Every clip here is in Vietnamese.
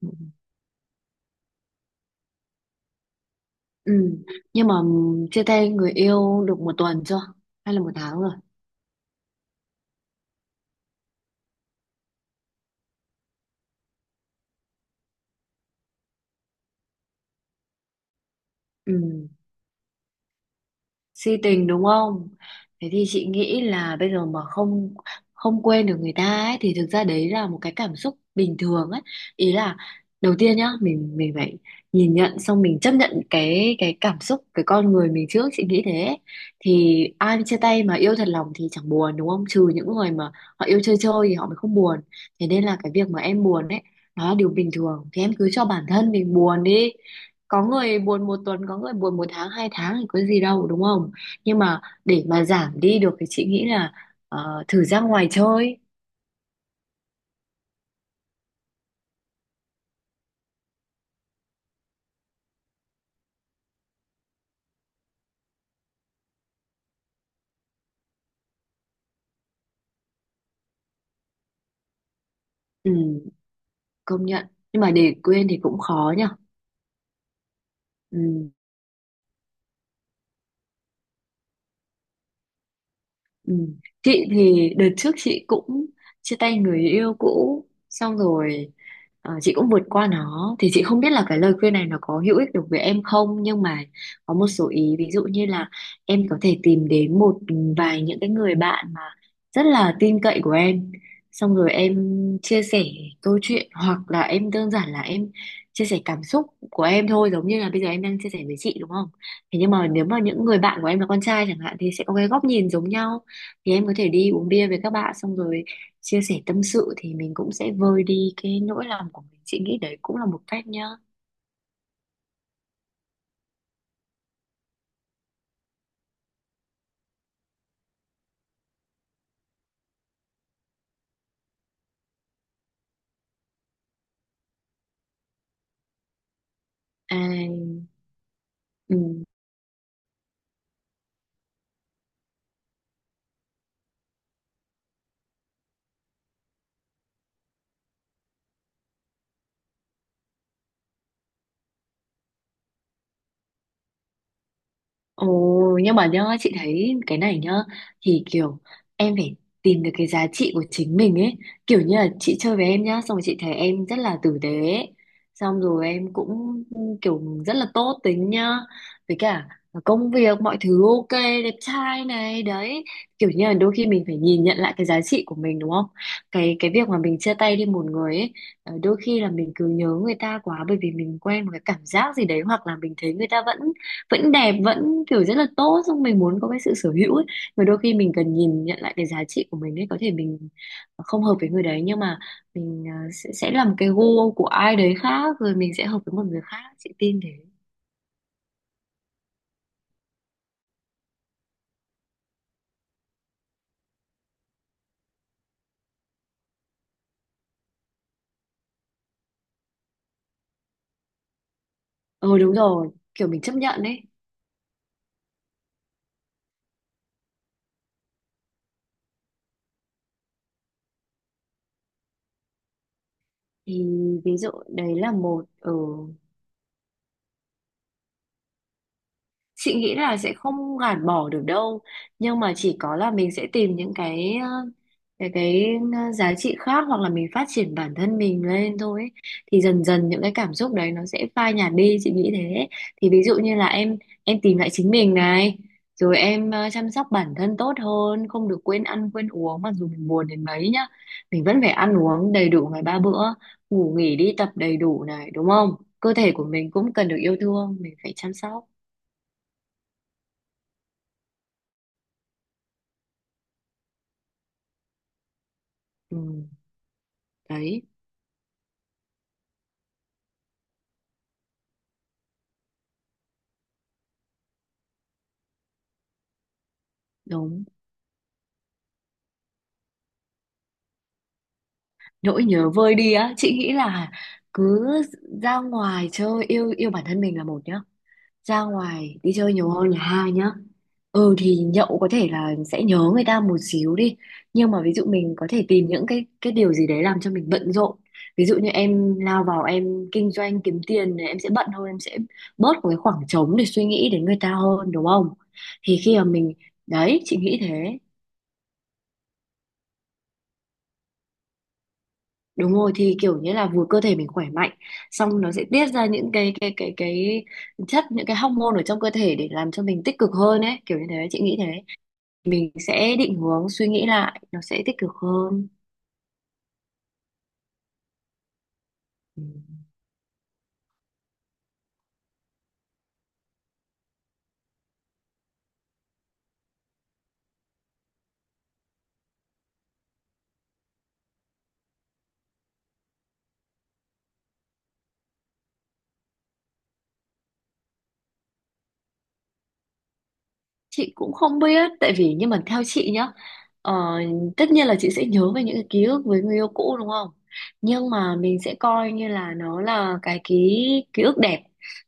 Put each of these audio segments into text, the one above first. Ừ. Ừ. Nhưng mà chia tay người yêu được một tuần chưa? Hay là một tháng rồi? Ừ. Si tình, đúng không? Thế thì chị nghĩ là bây giờ mà không không quên được người ta ấy thì thực ra đấy là một cái cảm xúc bình thường ấy. Ý là đầu tiên nhá, mình phải nhìn nhận, xong mình chấp nhận cái cảm xúc, cái con người mình trước, chị nghĩ thế. Thì ai chia tay mà yêu thật lòng thì chẳng buồn đúng không, trừ những người mà họ yêu chơi chơi thì họ mới không buồn. Thế nên là cái việc mà em buồn ấy, nó là điều bình thường, thì em cứ cho bản thân mình buồn đi. Có người buồn một tuần, có người buồn một tháng, hai tháng thì có gì đâu đúng không. Nhưng mà để mà giảm đi được thì chị nghĩ là thử ra ngoài chơi. Ừ, công nhận. Nhưng mà để quên thì cũng khó nhở. Ừ. Ừ. Chị thì đợt trước chị cũng chia tay người yêu cũ xong rồi, chị cũng vượt qua nó. Thì chị không biết là cái lời khuyên này nó có hữu ích được với em không, nhưng mà có một số ý, ví dụ như là em có thể tìm đến một vài những cái người bạn mà rất là tin cậy của em, xong rồi em chia sẻ câu chuyện, hoặc là em đơn giản là em chia sẻ cảm xúc của em thôi, giống như là bây giờ em đang chia sẻ với chị đúng không? Thế nhưng mà nếu mà những người bạn của em là con trai chẳng hạn thì sẽ có cái góc nhìn giống nhau, thì em có thể đi uống bia với các bạn, xong rồi chia sẻ tâm sự thì mình cũng sẽ vơi đi cái nỗi lòng của mình, chị nghĩ đấy cũng là một cách nhá. À, ừ. Ồ, nhưng mà nhá, chị thấy cái này nhá, thì kiểu em phải tìm được cái giá trị của chính mình ấy. Kiểu như là chị chơi với em nhá, xong rồi chị thấy em rất là tử tế ấy. Xong rồi em cũng kiểu rất là tốt tính nhá. Với cả công việc, mọi thứ ok, đẹp trai này, đấy. Kiểu như là đôi khi mình phải nhìn nhận lại cái giá trị của mình đúng không? Cái việc mà mình chia tay đi một người ấy, đôi khi là mình cứ nhớ người ta quá, bởi vì mình quen một cái cảm giác gì đấy, hoặc là mình thấy người ta vẫn vẫn đẹp, vẫn kiểu rất là tốt, xong mình muốn có cái sự sở hữu ấy, mà đôi khi mình cần nhìn nhận lại cái giá trị của mình ấy. Có thể mình không hợp với người đấy, nhưng mà mình sẽ làm cái gu của ai đấy khác, rồi mình sẽ hợp với một người khác, chị tin thế. Ừ, đúng rồi, kiểu mình chấp nhận ấy. Thì ví dụ đấy là một. Ừ chị nghĩ là sẽ không gạt bỏ được đâu, nhưng mà chỉ có là mình sẽ tìm những cái cái giá trị khác, hoặc là mình phát triển bản thân mình lên thôi ấy. Thì dần dần những cái cảm xúc đấy nó sẽ phai nhạt đi, chị nghĩ thế. Thì ví dụ như là em tìm lại chính mình này, rồi em chăm sóc bản thân tốt hơn, không được quên ăn quên uống. Mặc dù mình buồn đến mấy nhá, mình vẫn phải ăn uống đầy đủ ngày ba bữa, ngủ nghỉ đi tập đầy đủ này đúng không. Cơ thể của mình cũng cần được yêu thương, mình phải chăm sóc. Ừ. Đấy, đúng. Nỗi nhớ vơi đi á, chị nghĩ là cứ ra ngoài chơi, yêu yêu bản thân mình là một nhá. Ra ngoài đi chơi nhiều hơn là hai nhá. Ừ thì nhậu có thể là sẽ nhớ người ta một xíu đi, nhưng mà ví dụ mình có thể tìm những cái điều gì đấy làm cho mình bận rộn. Ví dụ như em lao vào em kinh doanh kiếm tiền thì em sẽ bận hơn, em sẽ bớt một cái khoảng trống để suy nghĩ đến người ta hơn đúng không? Thì khi mà mình Đấy, chị nghĩ thế. Đúng rồi, thì kiểu như là vừa cơ thể mình khỏe mạnh, xong nó sẽ tiết ra những cái chất, những cái hormone ở trong cơ thể để làm cho mình tích cực hơn ấy, kiểu như thế chị nghĩ thế. Mình sẽ định hướng suy nghĩ lại, nó sẽ tích cực hơn. Ừ. Chị cũng không biết, tại vì nhưng mà theo chị nhá, ờ, tất nhiên là chị sẽ nhớ về những cái ký ức với người yêu cũ đúng không, nhưng mà mình sẽ coi như là nó là cái ký ký ức đẹp,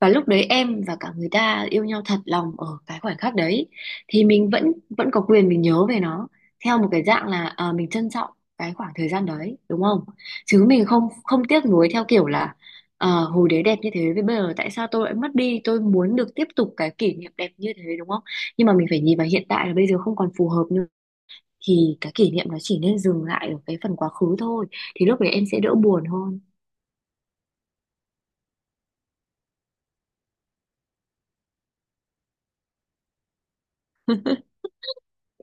và lúc đấy em và cả người ta yêu nhau thật lòng ở cái khoảnh khắc đấy, thì mình vẫn vẫn có quyền mình nhớ về nó theo một cái dạng là mình trân trọng cái khoảng thời gian đấy đúng không. Chứ mình không không tiếc nuối theo kiểu là hồi đấy đẹp như thế, với bây giờ tại sao tôi lại mất đi, tôi muốn được tiếp tục cái kỷ niệm đẹp như thế đúng không. Nhưng mà mình phải nhìn vào hiện tại là bây giờ không còn phù hợp nữa, thì cái kỷ niệm nó chỉ nên dừng lại ở cái phần quá khứ thôi, thì lúc đấy em sẽ đỡ buồn hơn.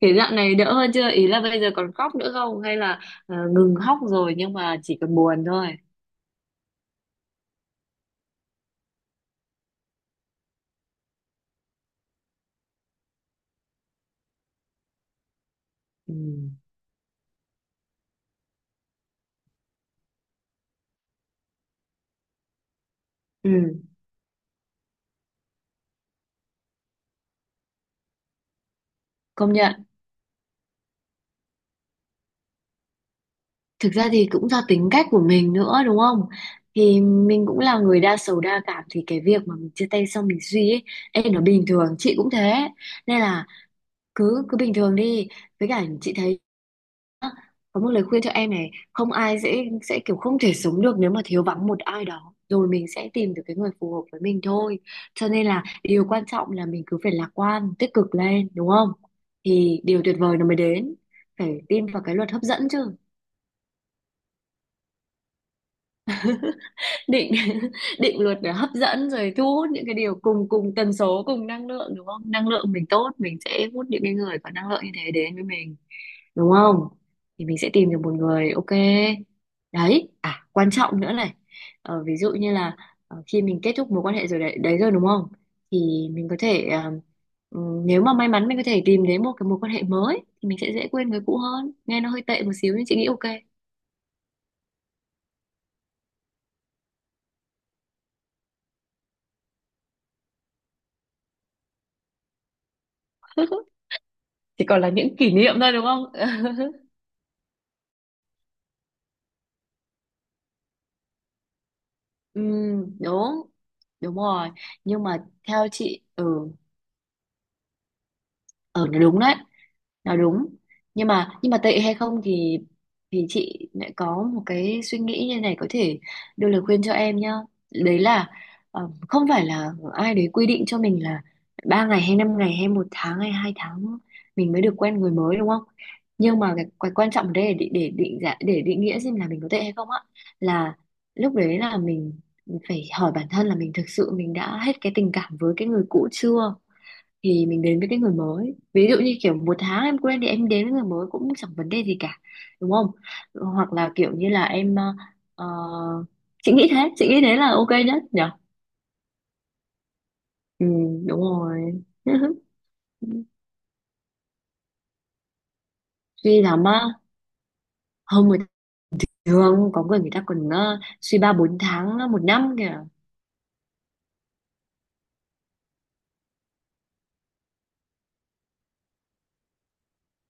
Thế dạo này đỡ hơn chưa, ý là bây giờ còn khóc nữa không, hay là ngừng khóc rồi nhưng mà chỉ còn buồn thôi. Ừ. Ừ, công nhận. Thực ra thì cũng do tính cách của mình nữa đúng không, thì mình cũng là người đa sầu đa cảm, thì cái việc mà mình chia tay xong mình suy ấy, ê, nó bình thường, chị cũng thế. Nên là cứ cứ bình thường đi. Với cả chị thấy á, có một lời khuyên cho em này, không ai sẽ kiểu không thể sống được nếu mà thiếu vắng một ai đó, rồi mình sẽ tìm được cái người phù hợp với mình thôi. Cho nên là điều quan trọng là mình cứ phải lạc quan tích cực lên đúng không, thì điều tuyệt vời nó mới đến. Phải tin vào cái luật hấp dẫn chứ. định định luật để hấp dẫn, rồi thu hút những cái điều cùng cùng tần số, cùng năng lượng đúng không. Năng lượng mình tốt, mình sẽ hút những cái người có năng lượng như thế đến với mình, đúng không, thì mình sẽ tìm được một người ok. Đấy, à quan trọng nữa này. Ví dụ như là, khi mình kết thúc mối quan hệ rồi đấy, đấy rồi đúng không, thì mình có thể ừ, nếu mà may mắn mình có thể tìm đến một cái mối quan hệ mới, thì mình sẽ dễ quên người cũ hơn, nghe nó hơi tệ một xíu nhưng chị nghĩ ok. Chỉ còn là những kỷ niệm thôi đúng không. Ừ, đúng đúng rồi. Nhưng mà theo chị ừ đúng đấy, là đúng. Nhưng mà tệ hay không thì, chị lại có một cái suy nghĩ như này, có thể đưa lời khuyên cho em nhá. Đấy là không phải là ai đấy quy định cho mình là ba ngày hay năm ngày hay một tháng hay hai tháng mình mới được quen người mới đúng không. Nhưng mà cái quan trọng ở đây để định giá, để định nghĩa xem là mình có tệ hay không á, là lúc đấy là mình phải hỏi bản thân là mình thực sự mình đã hết cái tình cảm với cái người cũ chưa, thì mình đến với cái người mới. Ví dụ như kiểu một tháng em quen thì em đến với người mới cũng chẳng vấn đề gì cả đúng không, hoặc là kiểu như là em ờ, chị nghĩ thế, chị nghĩ thế là ok nhất nhở. Ừ, đúng rồi. Suy lắm á. Không, người ta thường có người người ta còn suy ba bốn tháng, một năm kìa.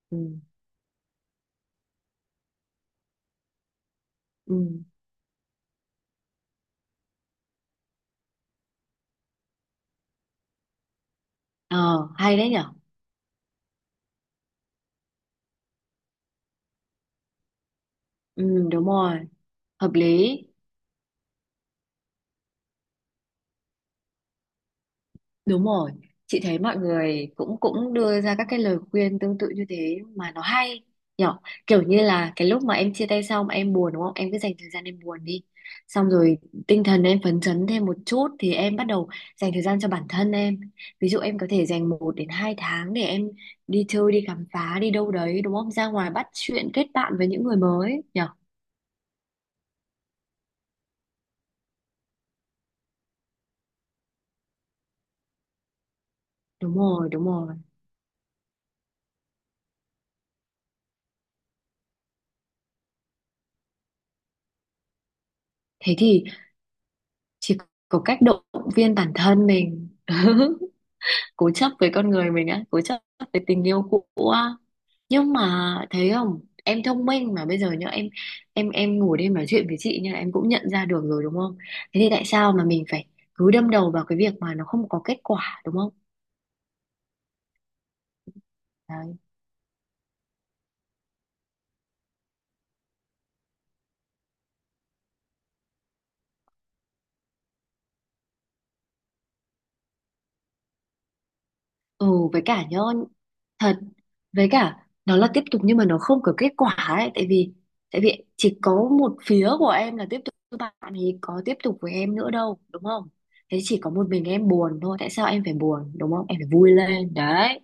Ừ. Ừ. Ờ hay đấy nhở. Ừ, đúng rồi. Hợp lý. Đúng rồi, chị thấy mọi người cũng cũng đưa ra các cái lời khuyên tương tự như thế mà nó hay nhỏ. Kiểu như là cái lúc mà em chia tay xong em buồn đúng không, em cứ dành thời gian em buồn đi, xong rồi tinh thần em phấn chấn thêm một chút thì em bắt đầu dành thời gian cho bản thân em. Ví dụ em có thể dành một đến hai tháng để em đi chơi, đi khám phá, đi đâu đấy đúng không, ra ngoài bắt chuyện kết bạn với những người mới nhở. Đúng rồi, đúng rồi. Thế thì chỉ có cách động viên bản thân mình. Cố chấp với con người mình á, cố chấp với tình yêu cũ á. Nhưng mà thấy không, em thông minh mà, bây giờ nhá, em ngồi đây nói chuyện với chị, nên là em cũng nhận ra được rồi đúng không. Thế thì tại sao mà mình phải cứ đâm đầu vào cái việc mà nó không có kết quả đúng không. Đấy. Ừ, với cả nhớ thật, với cả nó là tiếp tục nhưng mà nó không có kết quả ấy. Tại vì chỉ có một phía của em là tiếp tục, với bạn thì có tiếp tục với em nữa đâu đúng không. Thế chỉ có một mình em buồn thôi, tại sao em phải buồn đúng không, em phải vui lên đấy.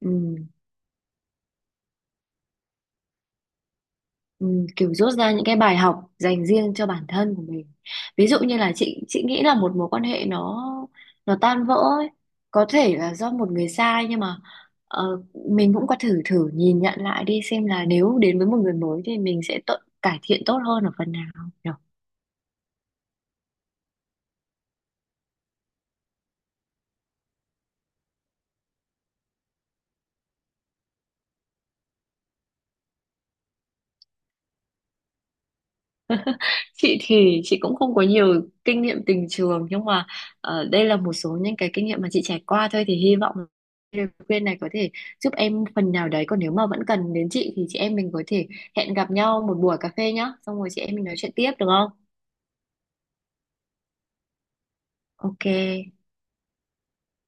Ừ. Ừ, kiểu rút ra những cái bài học dành riêng cho bản thân của mình. Ví dụ như là chị nghĩ là một mối quan hệ nó tan vỡ ấy, có thể là do một người sai, nhưng mà ờ, mình cũng có thử thử nhìn nhận lại đi xem là nếu đến với một người mới thì mình sẽ tự cải thiện tốt hơn ở phần nào nhỉ? Chị thì chị cũng không có nhiều kinh nghiệm tình trường, nhưng mà đây là một số những cái kinh nghiệm mà chị trải qua thôi, thì hy vọng lời khuyên này có thể giúp em phần nào đấy. Còn nếu mà vẫn cần đến chị thì chị em mình có thể hẹn gặp nhau một buổi cà phê nhá, xong rồi chị em mình nói chuyện tiếp được không? Ok.